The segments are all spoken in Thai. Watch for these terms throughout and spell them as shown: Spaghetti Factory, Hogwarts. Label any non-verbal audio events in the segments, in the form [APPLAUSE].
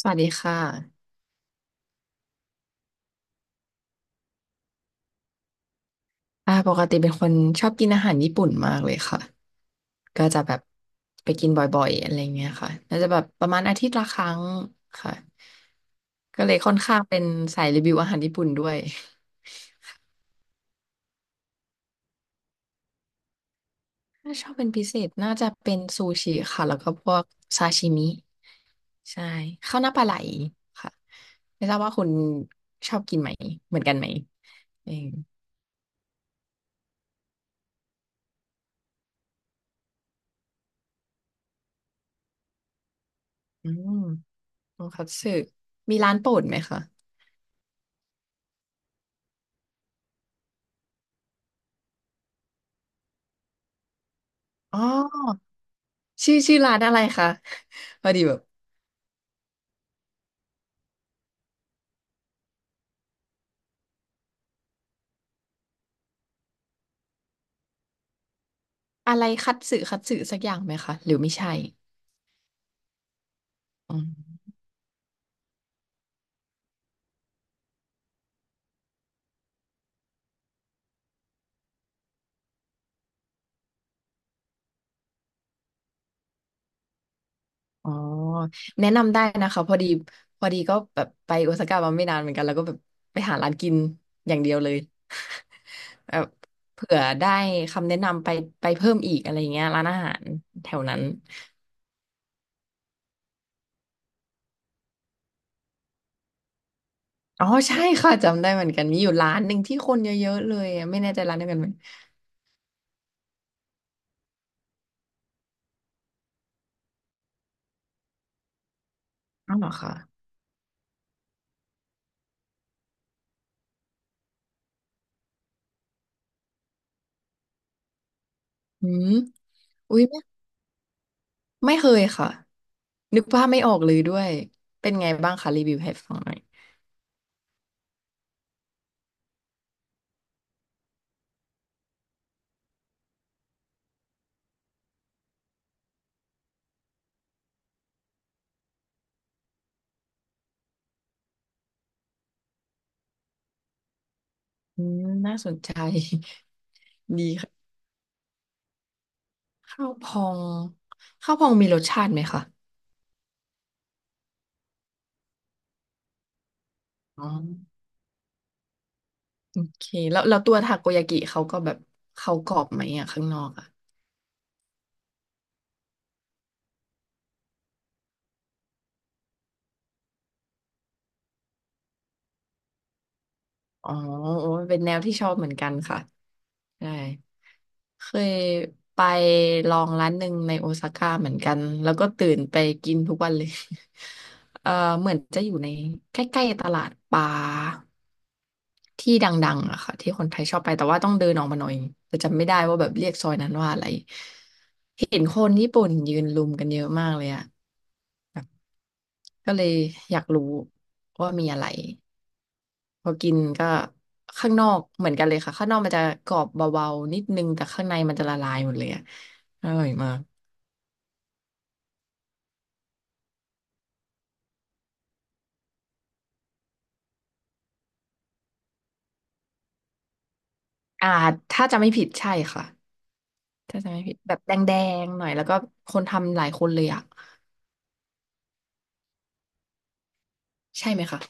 สวัสดีค่ะปกติเป็นคนชอบกินอาหารญี่ปุ่นมากเลยค่ะ ก็จะแบบไปกินบ่อยๆอะไรเงี้ยค่ะน่าจะแบบประมาณอาทิตย์ละครั้งค่ะก็เลยค่อนข้างเป็นสายรีวิวอาหารญี่ปุ่นด้วยถ้าชอบเป็นพิเศษน่าจะเป็นซูชิค่ะแล้วก็พวกซาชิมิ ใช่ข้าวหน้าปลาไหลค่ะไม่ทราบว่าคุณชอบกินไหมเหมือนกันไหมเองออืมโทคัตสึมีร้านโปรดไหมคะอ๋อ ชื่อร้านอะไรคะพอดีแบบอะไรคัตสึคัตสึสักอย่างไหมคะหรือไม่ใช่อืมอ๋อแนะนำได้นะคะพอดีก็แบบไปโอซาก้ามาไม่นานเหมือนกันแล้วก็แบบไปหาร้านกินอย่างเดียวเลยแบบเผื่อได้คำแนะนำไปไปเพิ่มอีกอะไรอย่างเงี้ยร้านอาหารแถวนั้นอ๋อใช่ค่ะจำได้เหมือนกันมีอยู่ร้านหนึ่งที่คนเยอะๆเลยอะไม่แน่ใจร้านเดียวกันไหมอ้าวเหรอคะอืมอุ้ย ไม่เคยค่ะนึกภาพไม่ออกเลยด้วยเป็นไงบ้างคะรีวิวให้ฟังหน่อยอืมน่าสนใจ [LAUGHS] ดีค่ะข้าวพองข้าวพองมีรสชาติไหมคะอ๋อโอเคแล้วตัวทาโกยากิเขาก็แบบเขากรอบไหมอ่ะข้างนอกอะ อ๋อโอ้ยเป็นแนวที่ชอบเหมือนกันค่ะใช่เคยไปลองร้านหนึ่งในโอซาก้าเหมือนกันแล้วก็ตื่นไปกินทุกวันเลย [LAUGHS] เออเหมือนจะอยู่ในใกล้ๆตลาดปลาที่ดังๆอะค่ะที่คนไทยชอบไปแต่ว่าต้องเดินออกมาหน่อยแต่จำไม่ได้ว่าแบบเรียกซอยนั้นว่าอะไรเห็นคนญี่ปุ่นยืนลุมกันเยอะมากเลยอะก็เลยอยากรู้ว่ามีอะไร พอกินก็ข้างนอกเหมือนกันเลยค่ะข้างนอกมันจะกรอบเบาๆนิดนึงแต่ข้างในมันจะละลายหมดเลยอะอร่อยมากอ่าถ้าจะไม่ผิดใช่ค่ะถ้าจะไม่ผิดแบบแดงๆหน่อยแล้วก็คนทำหลายคนเลยอะใช่ไหมคะ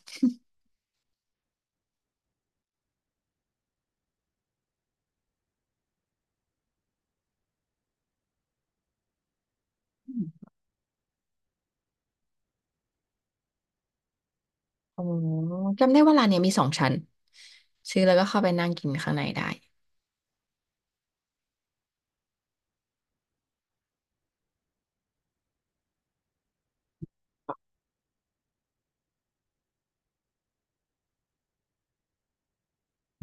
อ๋อจำได้ว่าร้านเนี้ยมีสองชั้นซื้อแล้วก็เข้าไปนั่งกินข้างในได้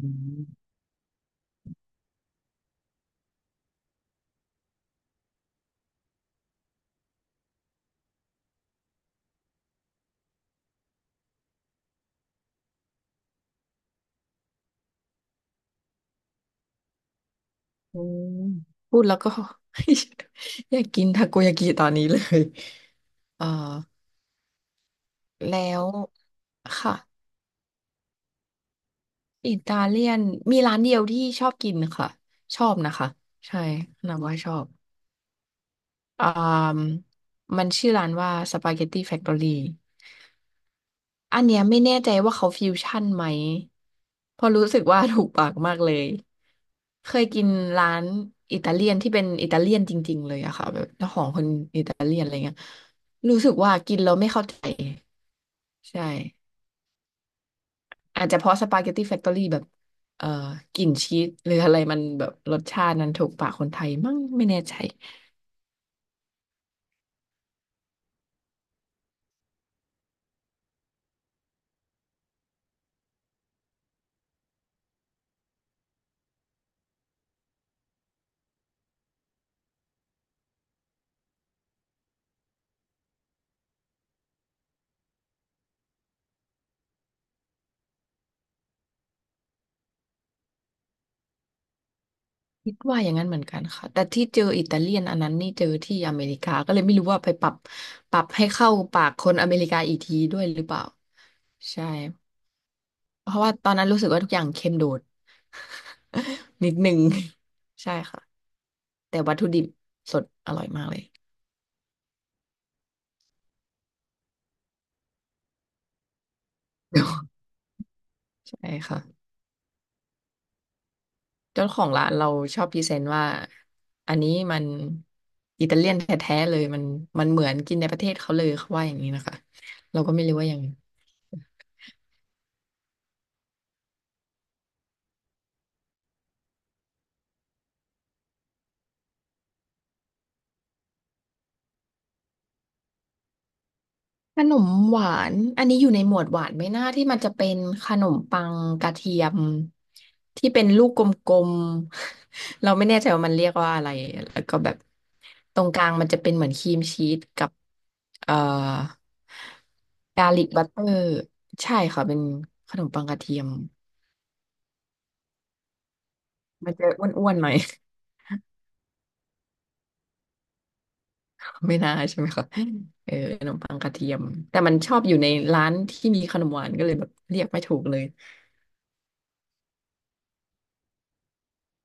อืมอืมพูดแล้วก็ [LAUGHS] อยากกินทาโกยากิตอนนี้เลย [LAUGHS] เออแล้วค่ะ อิตาเลียนมีร้านเดียวที่ชอบกินค่ะชอบนะคะใช่นับว่าชอบอ่ามมันชื่อร้านว่าสปาเกตตี้แฟคทอรี่อันเนี้ยไม่แน่ใจว่าเขาฟิวชั่นไหมเพราะรู้สึกว่าถูกปากมากเลยเคยกินร้านอิตาเลียนที่เป็นอิตาเลียนจริงๆเลยอะค่ะแบบเจ้าของคนอิตาเลียนอะไรเงี้ยรู้สึกว่ากินแล้วไม่เข้าใจใช่ อาจจะเพราะสปาเกตตี้แฟคทอรี่แบบเอ่อกลิ่นชีสหรืออะไรมันแบบรสชาตินั้นถูกปากคนไทยมั้งไม่แน่ใจคิดว่าอย่างนั้นเหมือนกันค่ะแต่ที่เจออิตาเลียนอันนั้นนี่เจอที่อเมริกาก็เลยไม่รู้ว่าไปปรับปรับให้เข้าปากคนอเมริกาอีกทีด้วยหรือเปล่าใช่เพราะว่าตอนนั้นรู้สึกว่าทุกอย่างเค็มโดด [LAUGHS] นิดนึง [LAUGHS] ใช่ค่ะแต่วัตถุดิบสดอร่อยมากเลย [LAUGHS] ใช่ค่ะ เจ้าของร้านเราชอบพรีเซนต์ว่าอันนี้มันอิตาเลียนแท้ๆเลยมันมันเหมือนกินในประเทศเขาเลยเขาว่าอย่างนี้นะคะเราก็ไม่รู้ว่ายังไงขนมหวานอันนี้อยู่ในหมวดหวานไหมนะที่มันจะเป็นขนมปังกระเทียมที่เป็นลูกกลมๆ [LAUGHS] เราไม่แน่ใจว่ามันเรียกว่าอะไรแล้วก็แบบตรงกลางมันจะเป็นเหมือนครีมชีสกับเอ่อกาลิกบัตเตอร์ใช่ค่ะเป็นขนมปังกระเทียม มันจะอ้วนๆหน่อย [LAUGHS] ไม่น่าใช่ไหมคะเออขนมปังกระเทียมแต่มันชอบอยู่ในร้านที่มีขนมหวานก็เลยแบบเรียกไม่ถูกเลย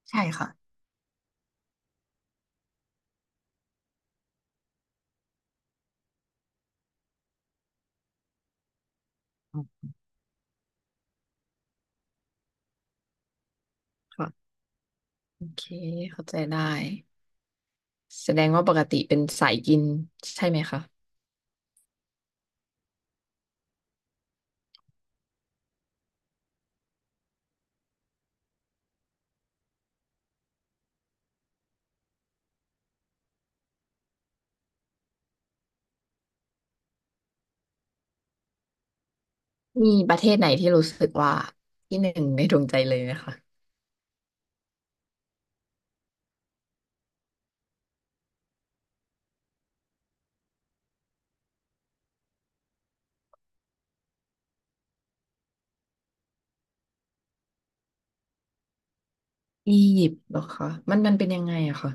ใช่ค่ะอ๋อค่ะโอเคเข้าใจได้แสดงว่าปกติเป็นสายกินใช่ไหมคะมีประเทศไหนที่รู้สึกว่าที่หนึ่งในดวงใจเลยไหมคะอียิปต์เหรอคะมันเป็นยังไงอะคะ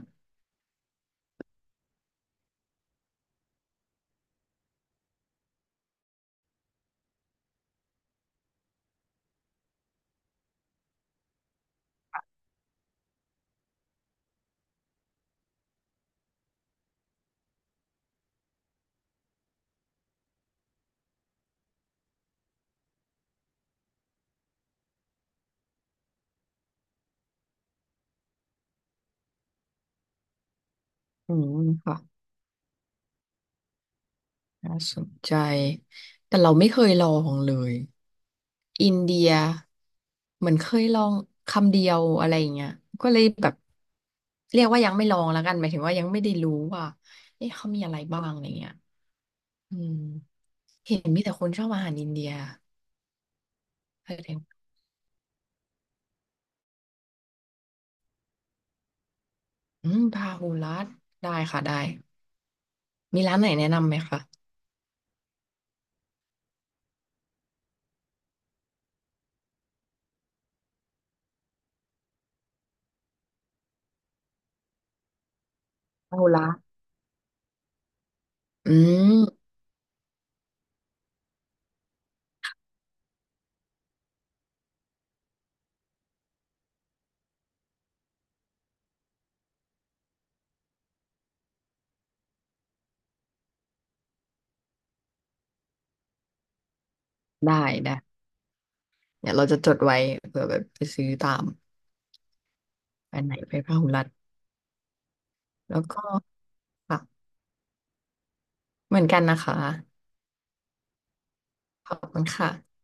อืมค่ะน่าสนใจแต่เราไม่เคยลองเลย อินเดียเหมือนเคยลองคำเดียวอะไรอย่างเงี้ยก็เลยแบบเรียกว่ายังไม่ลองแล้วกันหมายถึงว่ายังไม่ได้รู้ว่าเอ๊ะเขามีอะไรบ้างอะไรเงี้ยอืมเห็นมีแต่คนชอบอาหารอินเดียแสดงอืมพาหุรัตได้ค่ะได้มีร้านไหนแนะนำไหมคะพาหุรัตอืมได้ได้เดี๋ยวเราจะจดไว้เผื่อแบบไปซื้อตามอันไหนไปพาหุรัตแล้วก็ค่ะเหมือนกันนะคะขอบคุณค่ะ